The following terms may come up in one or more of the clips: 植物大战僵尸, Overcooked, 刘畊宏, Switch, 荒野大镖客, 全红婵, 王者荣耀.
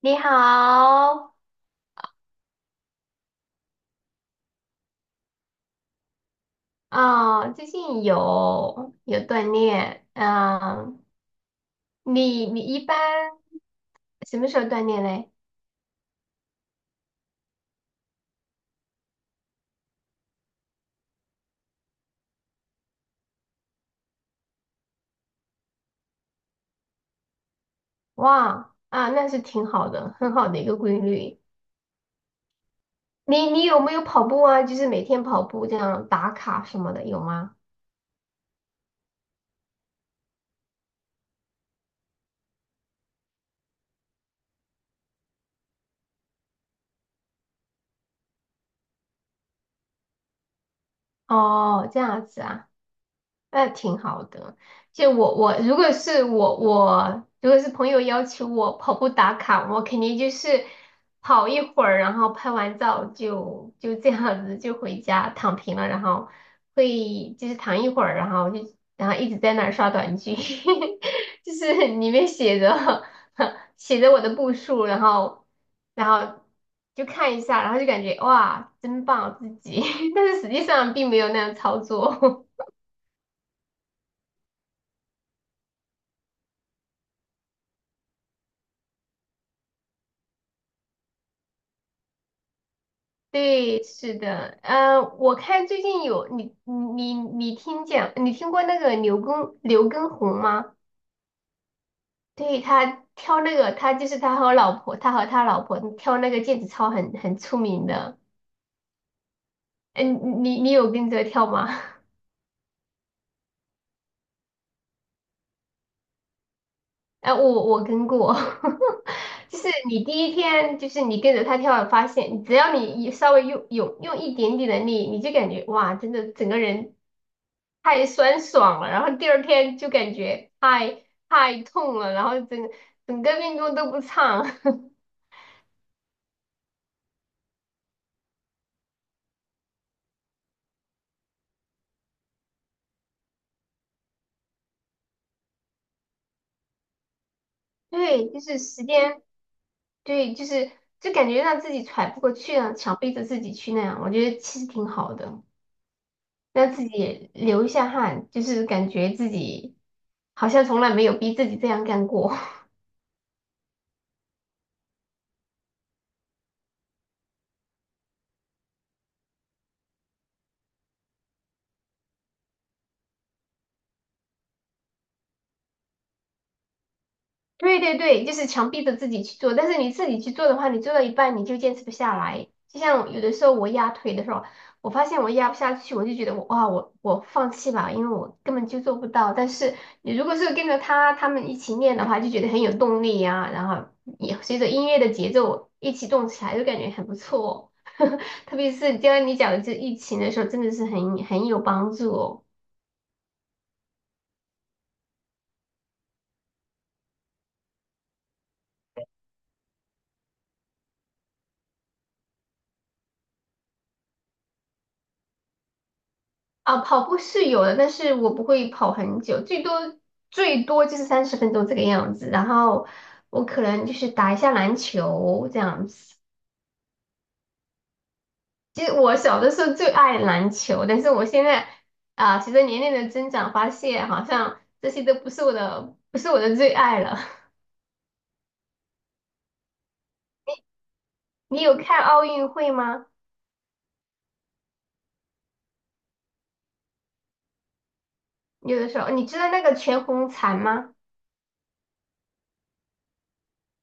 你好。最近有锻炼。你一般什么时候锻炼嘞？哇，啊，那是挺好的，很好的一个规律。你有没有跑步啊？就是每天跑步这样打卡什么的，有吗？哦，这样子啊，那挺好的。就我如果是朋友要求我跑步打卡，我肯定就是跑一会儿，然后拍完照就这样子就回家躺平了，然后会就是躺一会儿，然后就然后一直在那儿刷短剧，就是里面写着 写着我的步数，然后就看一下，然后就感觉哇真棒自己，但是实际上并没有那样操作。对，是的，嗯，我看最近有你你你听见，你听过那个刘畊宏吗？对，他跳那个，他就是他和老婆，他和他老婆跳那个毽子操很出名的。嗯，你有跟着跳吗？哎、我跟过，就是你第一天就是你跟着他跳，发现只要你一稍微用一点点的力，你就感觉哇，真的整个人太酸爽了，然后第二天就感觉太痛了，然后整个运动都不畅。对，就是时间，对，就是就感觉让自己喘不过气了，强逼着自己去那样，我觉得其实挺好的，让自己也流一下汗，就是感觉自己好像从来没有逼自己这样干过。对对对，就是强逼着自己去做，但是你自己去做的话，你做到一半你就坚持不下来。就像有的时候我压腿的时候，我发现我压不下去，我就觉得我哇，我放弃吧，因为我根本就做不到。但是你如果是跟着他们一起练的话，就觉得很有动力呀、然后也随着音乐的节奏一起动起来，就感觉很不错哦 特别是就像你讲的这疫情的时候，真的是很有帮助哦。啊，跑步是有的，但是我不会跑很久，最多就是30分钟这个样子。然后我可能就是打一下篮球这样子。其实我小的时候最爱篮球，但是我现在啊，随着年龄的增长，发现好像这些都不是我的，不是我的最爱了。你有看奥运会吗？有的时候，你知道那个全红婵吗？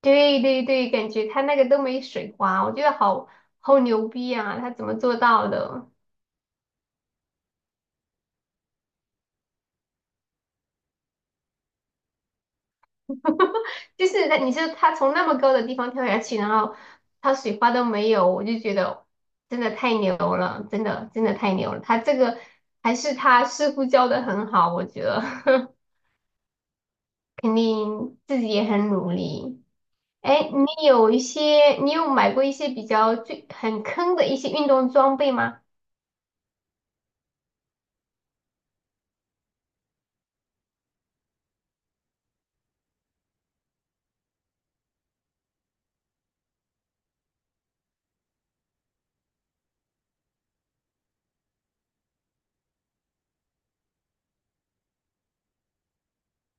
对对对，感觉他那个都没水花，我觉得好牛逼啊，他怎么做到的？就是那你说他从那么高的地方跳下去，然后他水花都没有，我就觉得真的太牛了，真的真的太牛了。他这个还是他师傅教的很好，我觉得 肯定自己也很努力。哎，你有买过一些比较最很坑的一些运动装备吗？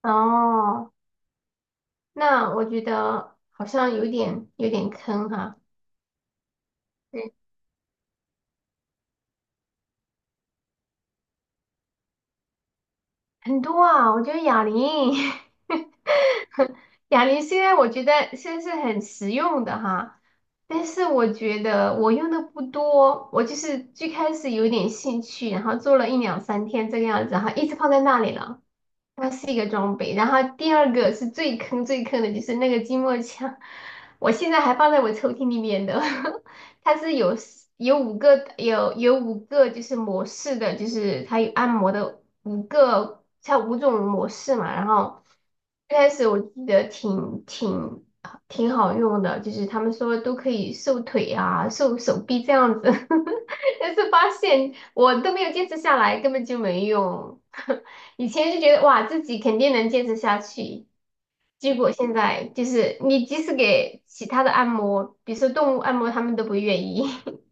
哦，那我觉得好像有点坑哈，对，很多啊，我觉得哑铃。哑铃虽然我觉得现在是很实用的哈，但是我觉得我用的不多，我就是最开始有点兴趣，然后做了一两三天这个样子哈，一直放在那里了。它是一个装备。然后第二个是最坑的，就是那个筋膜枪，我现在还放在我抽屉里面的。它是有五个就是模式的，就是它有按摩的五个，它五种模式嘛。然后一开始我记得挺好用的，就是他们说都可以瘦腿啊、瘦手臂这样子，但是发现我都没有坚持下来，根本就没用。以前就觉得哇，自己肯定能坚持下去，结果现在就是你即使给其他的按摩，比如说动物按摩，他们都不愿意。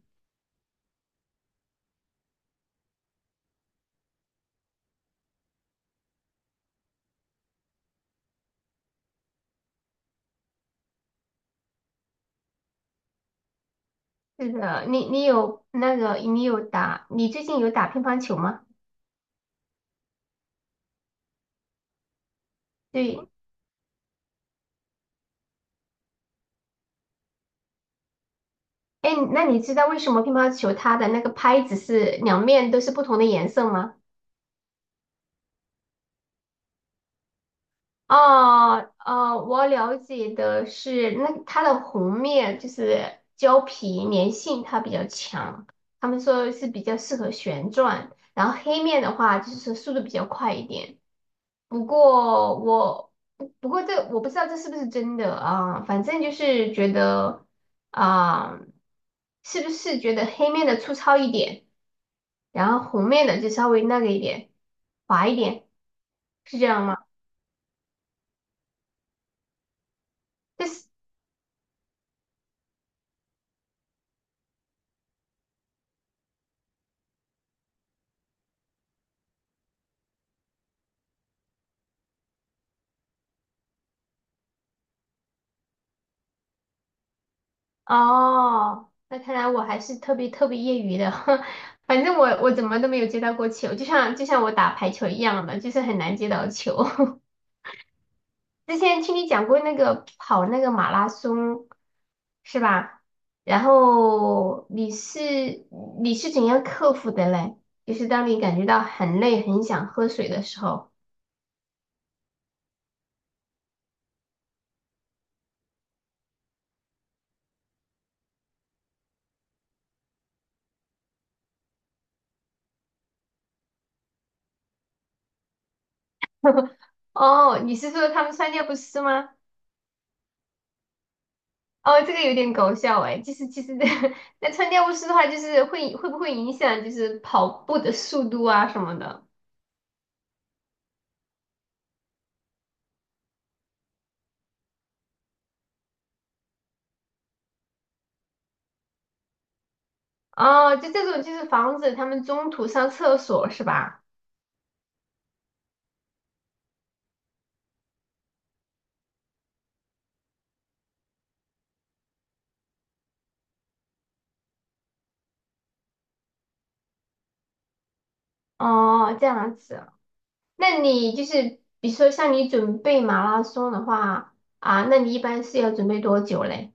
是的，你你有那个，你有打，你最近有打乒乓球吗？对，哎，那你知道为什么乒乓球它的那个拍子是两面都是不同的颜色吗？哦，哦，我了解的是，那它的红面就是胶皮粘性它比较强，他们说是比较适合旋转，然后黑面的话就是速度比较快一点。不过我不不过这我不知道这是不是真的啊，反正就是觉得啊，是不是觉得黑面的粗糙一点，然后红面的就稍微那个一点，滑一点，是这样吗？这是。哦，那看来我还是特别业余的，反正我怎么都没有接到过球，就像我打排球一样的，就是很难接到球。之前听你讲过那个跑那个马拉松，是吧？然后你是你是怎样克服的嘞？就是当你感觉到很累、很想喝水的时候。哦，你是说他们穿尿不湿吗？哦，这个有点搞笑哎，就是其实 那穿尿不湿的话，就是会不会影响就是跑步的速度啊什么的？哦，就这种就是防止他们中途上厕所是吧？哦，这样子，那你就是比如说像你准备马拉松的话啊，那你一般是要准备多久嘞？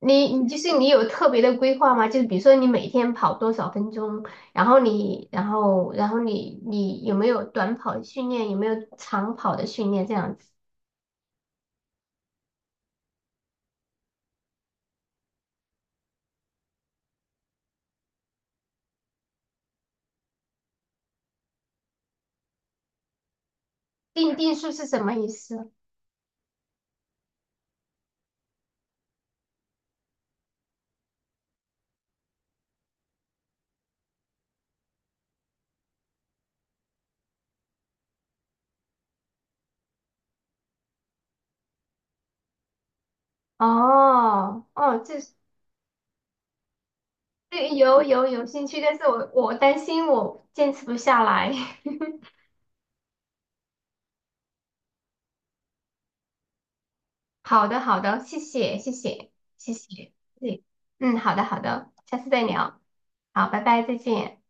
你你就是你有特别的规划吗？就是比如说你每天跑多少分钟，然后你然后然后你你有没有短跑训练，有没有长跑的训练这样子？定数是什么意思？哦哦，这这有有有兴趣，但是我担心我坚持不下来。好的,谢谢谢谢，对，嗯，好的好的，下次再聊，好，拜拜，再见。